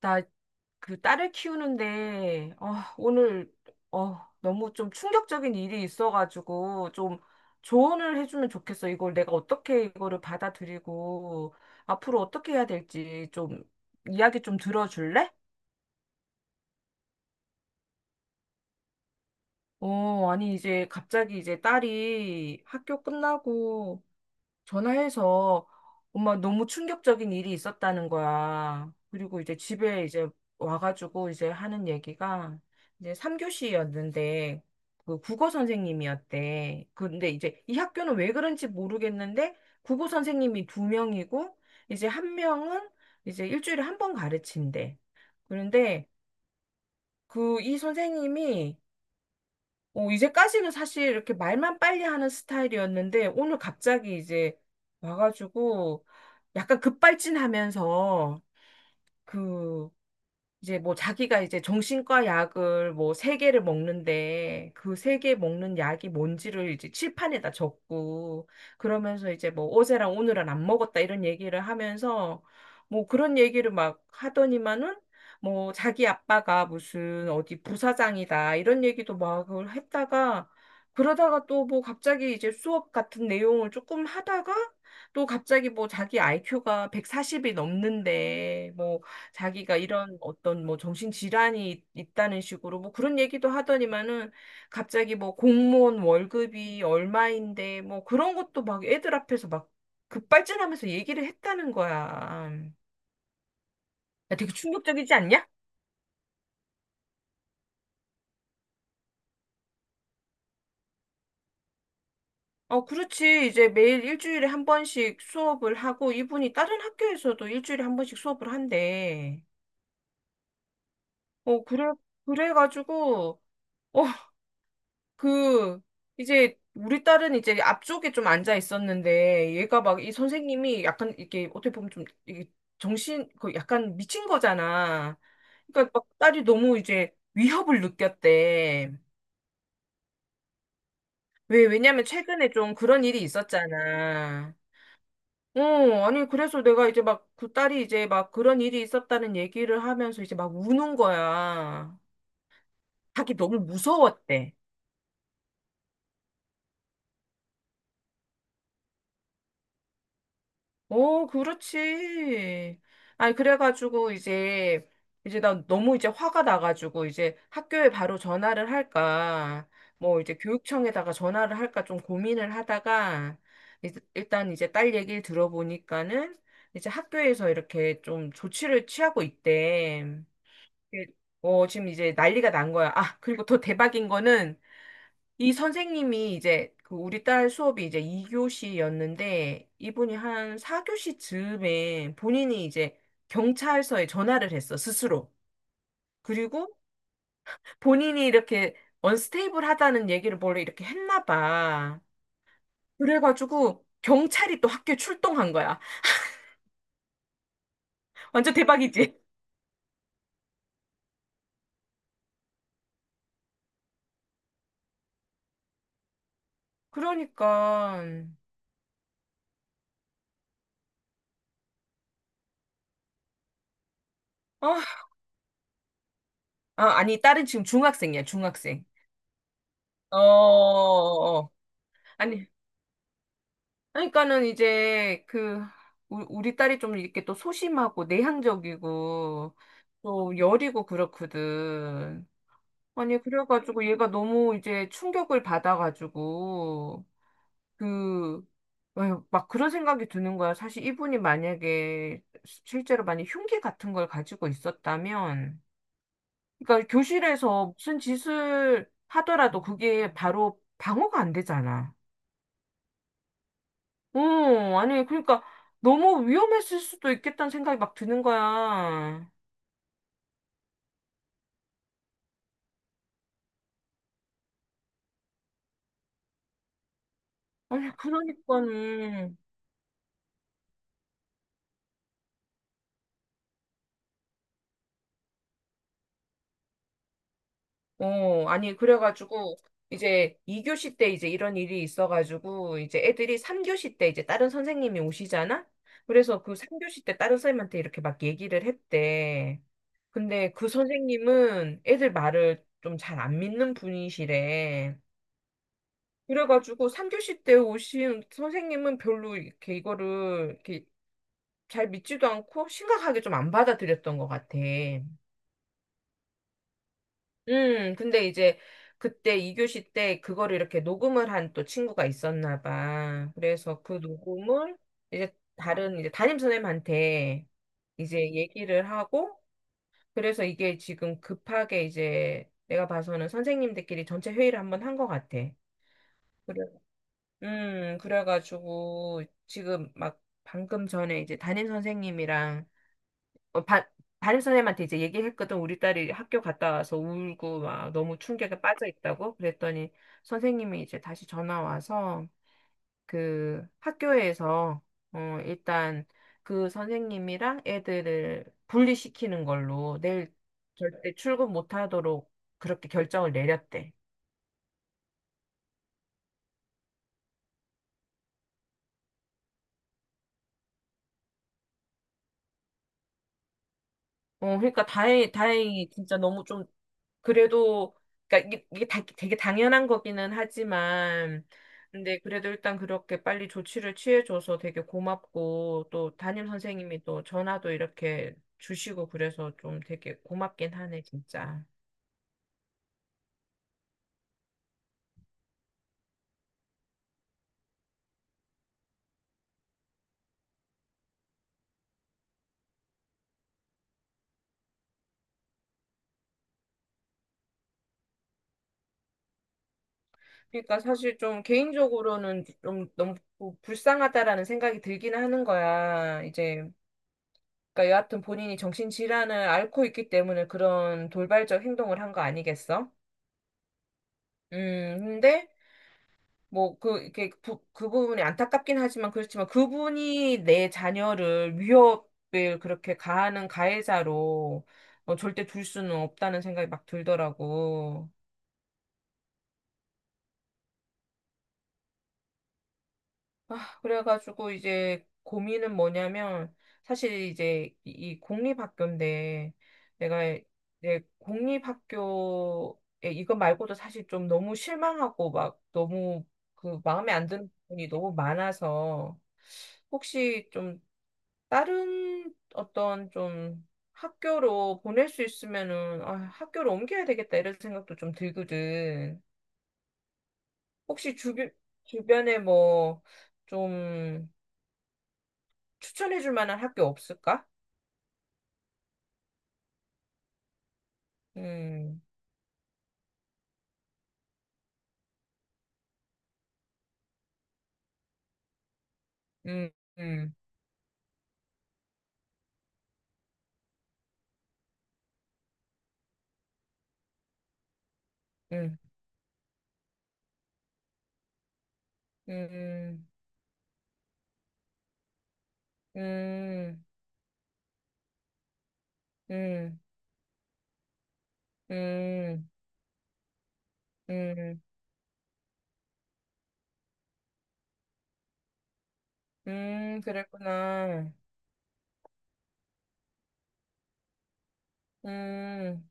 나 그 딸을 키우는데, 오늘, 너무 좀 충격적인 일이 있어가지고, 좀 조언을 해주면 좋겠어. 이걸 내가 어떻게 이거를 받아들이고, 앞으로 어떻게 해야 될지 좀 이야기 좀 들어줄래? 아니, 이제 갑자기 이제 딸이 학교 끝나고, 전화해서 엄마 너무 충격적인 일이 있었다는 거야. 그리고 이제 집에 이제 와가지고 이제 하는 얘기가 이제 3교시였는데 그 국어 선생님이었대. 근데 이제 이 학교는 왜 그런지 모르겠는데 국어 선생님이 두 명이고 이제 한 명은 이제 일주일에 한 번 가르친대. 그런데 그 이 선생님이 이제까지는 사실 이렇게 말만 빨리 하는 스타일이었는데, 오늘 갑자기 이제 와가지고, 약간 급발진하면서, 그, 이제 뭐 자기가 이제 정신과 약을 뭐 세 개를 먹는데 그 세 개 먹는 약이 뭔지를 이제 칠판에다 적고, 그러면서 이제 뭐 어제랑 오늘은 안 먹었다 이런 얘기를 하면서 뭐 그런 얘기를 막 하더니만은 뭐 자기 아빠가 무슨 어디 부사장이다 이런 얘기도 막 그걸 했다가, 그러다가 또 뭐 갑자기 이제 수업 같은 내용을 조금 하다가 또 갑자기 뭐 자기 IQ가 140이 넘는데 뭐 자기가 이런 어떤 뭐 정신질환이 있다는 식으로 뭐 그런 얘기도 하더니만은, 갑자기 뭐 공무원 월급이 얼마인데 뭐 그런 것도 막 애들 앞에서 막 급발진하면서 얘기를 했다는 거야. 야, 되게 충격적이지 않냐? 어, 그렇지. 이제 매일 일주일에 한 번씩 수업을 하고 이분이 다른 학교에서도 일주일에 한 번씩 수업을 한대. 어, 그래, 그래가지고, 어, 그, 이제, 우리 딸은 이제 앞쪽에 좀 앉아 있었는데, 얘가 막 이 선생님이 약간 이렇게 어떻게 보면 좀 이게 그 약간 미친 거잖아. 그러니까 막 딸이 너무 이제 위협을 느꼈대. 왜냐면 최근에 좀 그런 일이 있었잖아. 어, 아니, 그래서 내가 이제 막 그 딸이 이제 막 그런 일이 있었다는 얘기를 하면서 이제 막 우는 거야. 자기 너무 무서웠대. 오, 그렇지. 아니, 그래가지고, 이제, 이제 나 너무 이제 화가 나가지고, 이제 학교에 바로 전화를 할까, 뭐, 이제 교육청에다가 전화를 할까 좀 고민을 하다가, 일단 이제 딸 얘기를 들어보니까는, 이제 학교에서 이렇게 좀 조치를 취하고 있대. 예. 어, 지금 이제 난리가 난 거야. 아, 그리고 더 대박인 거는, 이 선생님이 이제 그 우리 딸 수업이 이제 2교시였는데 이분이 한 4교시 즈음에 본인이 이제 경찰서에 전화를 했어, 스스로. 그리고 본인이 이렇게 언스테이블하다는 얘기를 원래 이렇게 했나 봐. 그래가지고 경찰이 또 학교에 출동한 거야. 완전 대박이지? 그러니까 아, 아, 아니 딸은 지금 중학생이야, 중학생. 어, 어, 어. 아니 그러니까는 이제 그 우리 딸이 좀 이렇게 또 소심하고 내향적이고 또 여리고 그렇거든. 아니 그래가지고 얘가 너무 이제 충격을 받아가지고 그 막 그런 생각이 드는 거야. 사실 이분이 만약에 실제로 많이 흉기 같은 걸 가지고 있었다면, 그러니까 교실에서 무슨 짓을 하더라도 그게 바로 방어가 안 되잖아. 아니, 그러니까 너무 위험했을 수도 있겠다는 생각이 막 드는 거야. 아니, 그러니까는, 아니, 그래가지고, 이제 2교시 때 이제 이런 일이 있어가지고, 이제 애들이 3교시 때 이제 다른 선생님이 오시잖아? 그래서 그 3교시 때 다른 선생님한테 이렇게 막 얘기를 했대. 근데 그 선생님은 애들 말을 좀 잘 안 믿는 분이시래. 그래가지고 3교시 때 오신 선생님은 별로 이렇게 이거를 이렇게 잘 믿지도 않고 심각하게 좀 안 받아들였던 것 같아. 근데 이제 그때 2교시 때 그거를 이렇게 녹음을 한 또 친구가 있었나 봐. 그래서 그 녹음을 이제 다른 이제 담임 선생님한테 이제 얘기를 하고, 그래서 이게 지금 급하게 이제 내가 봐서는 선생님들끼리 전체 회의를 한 번 한 것 같아. 그래. 그래가지고 지금 막 방금 전에 이제 담임 선생님이랑 반 담임 선생님한테 이제 얘기했거든. 우리 딸이 학교 갔다 와서 울고 막 너무 충격에 빠져 있다고. 그랬더니 선생님이 이제 다시 전화 와서 그 학교에서 일단 그 선생님이랑 애들을 분리시키는 걸로 내일 절대 출근 못 하도록 그렇게 결정을 내렸대. 어, 그러니까 다행히 진짜 너무 좀 그래도 그러니까 이게, 이게 다, 되게 당연한 거기는 하지만 근데 그래도 일단 그렇게 빨리 조치를 취해줘서 되게 고맙고 또 담임 선생님이 또 전화도 이렇게 주시고 그래서 좀 되게 고맙긴 하네 진짜. 그러니까 사실 좀 개인적으로는 좀 너무 불쌍하다라는 생각이 들긴 하는 거야. 이제 그러니까 여하튼 본인이 정신질환을 앓고 있기 때문에 그런 돌발적 행동을 한 거 아니겠어? 근데 이렇게, 그 부분이 안타깝긴 하지만, 그렇지만, 그분이 내 자녀를 위협을 그렇게 가하는 가해자로 절대 둘 수는 없다는 생각이 막 들더라고. 아, 그래가지고 이제 고민은 뭐냐면, 사실 이제 이 공립학교인데, 내가 내 공립학교에 이거 말고도 사실 좀 너무 실망하고 막 너무 그 마음에 안 드는 부분이 너무 많아서, 혹시 좀 다른 어떤 좀 학교로 보낼 수 있으면은 아, 학교로 옮겨야 되겠다 이런 생각도 좀 들거든. 혹시 주변에 뭐 좀 추천해 줄 만한 학교 없을까? 음, 음, 음, 음, 음, 음, 음, 음, 음, 그랬구나. 음,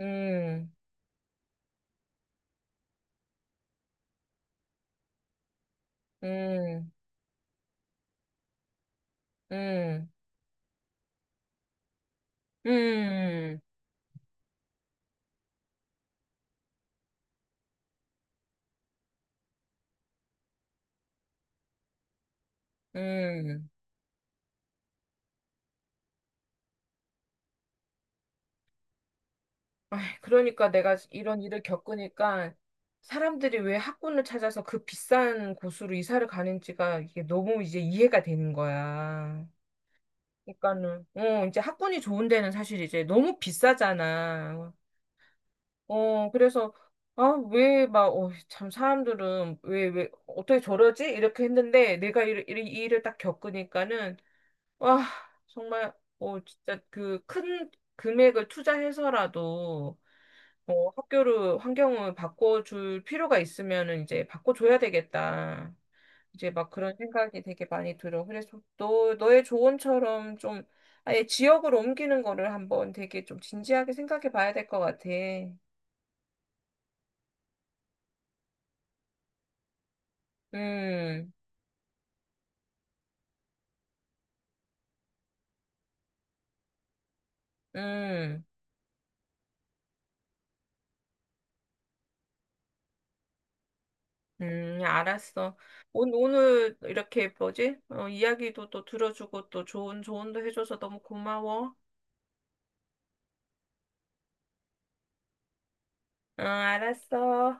음, 음, 음, 음, 음. 음. 아이, 그러니까 내가 이런 일을 겪으니까 사람들이 왜 학군을 찾아서 그 비싼 곳으로 이사를 가는지가 이게 너무 이제 이해가 되는 거야. 그러니까는 어 이제 학군이 좋은 데는 사실 이제 너무 비싸잖아. 어 그래서 아왜막어참 사람들은 왜 어떻게 저러지? 이렇게 했는데 내가 이 일을 딱 겪으니까는 와 정말 진짜 그 큰 금액을 투자해서라도 학교를, 환경을 바꿔줄 필요가 있으면은 이제 바꿔줘야 되겠다. 이제 막 그런 생각이 되게 많이 들어. 그래서 너의 조언처럼 좀 아예 지역을 옮기는 거를 한번 되게 좀 진지하게 생각해 봐야 될 것 같아. 음, 음, 알았어. 오늘 이렇게 뭐지? 이야기도 또 들어주고 또 좋은 조언도 해줘서 너무 고마워. 응, 알았어.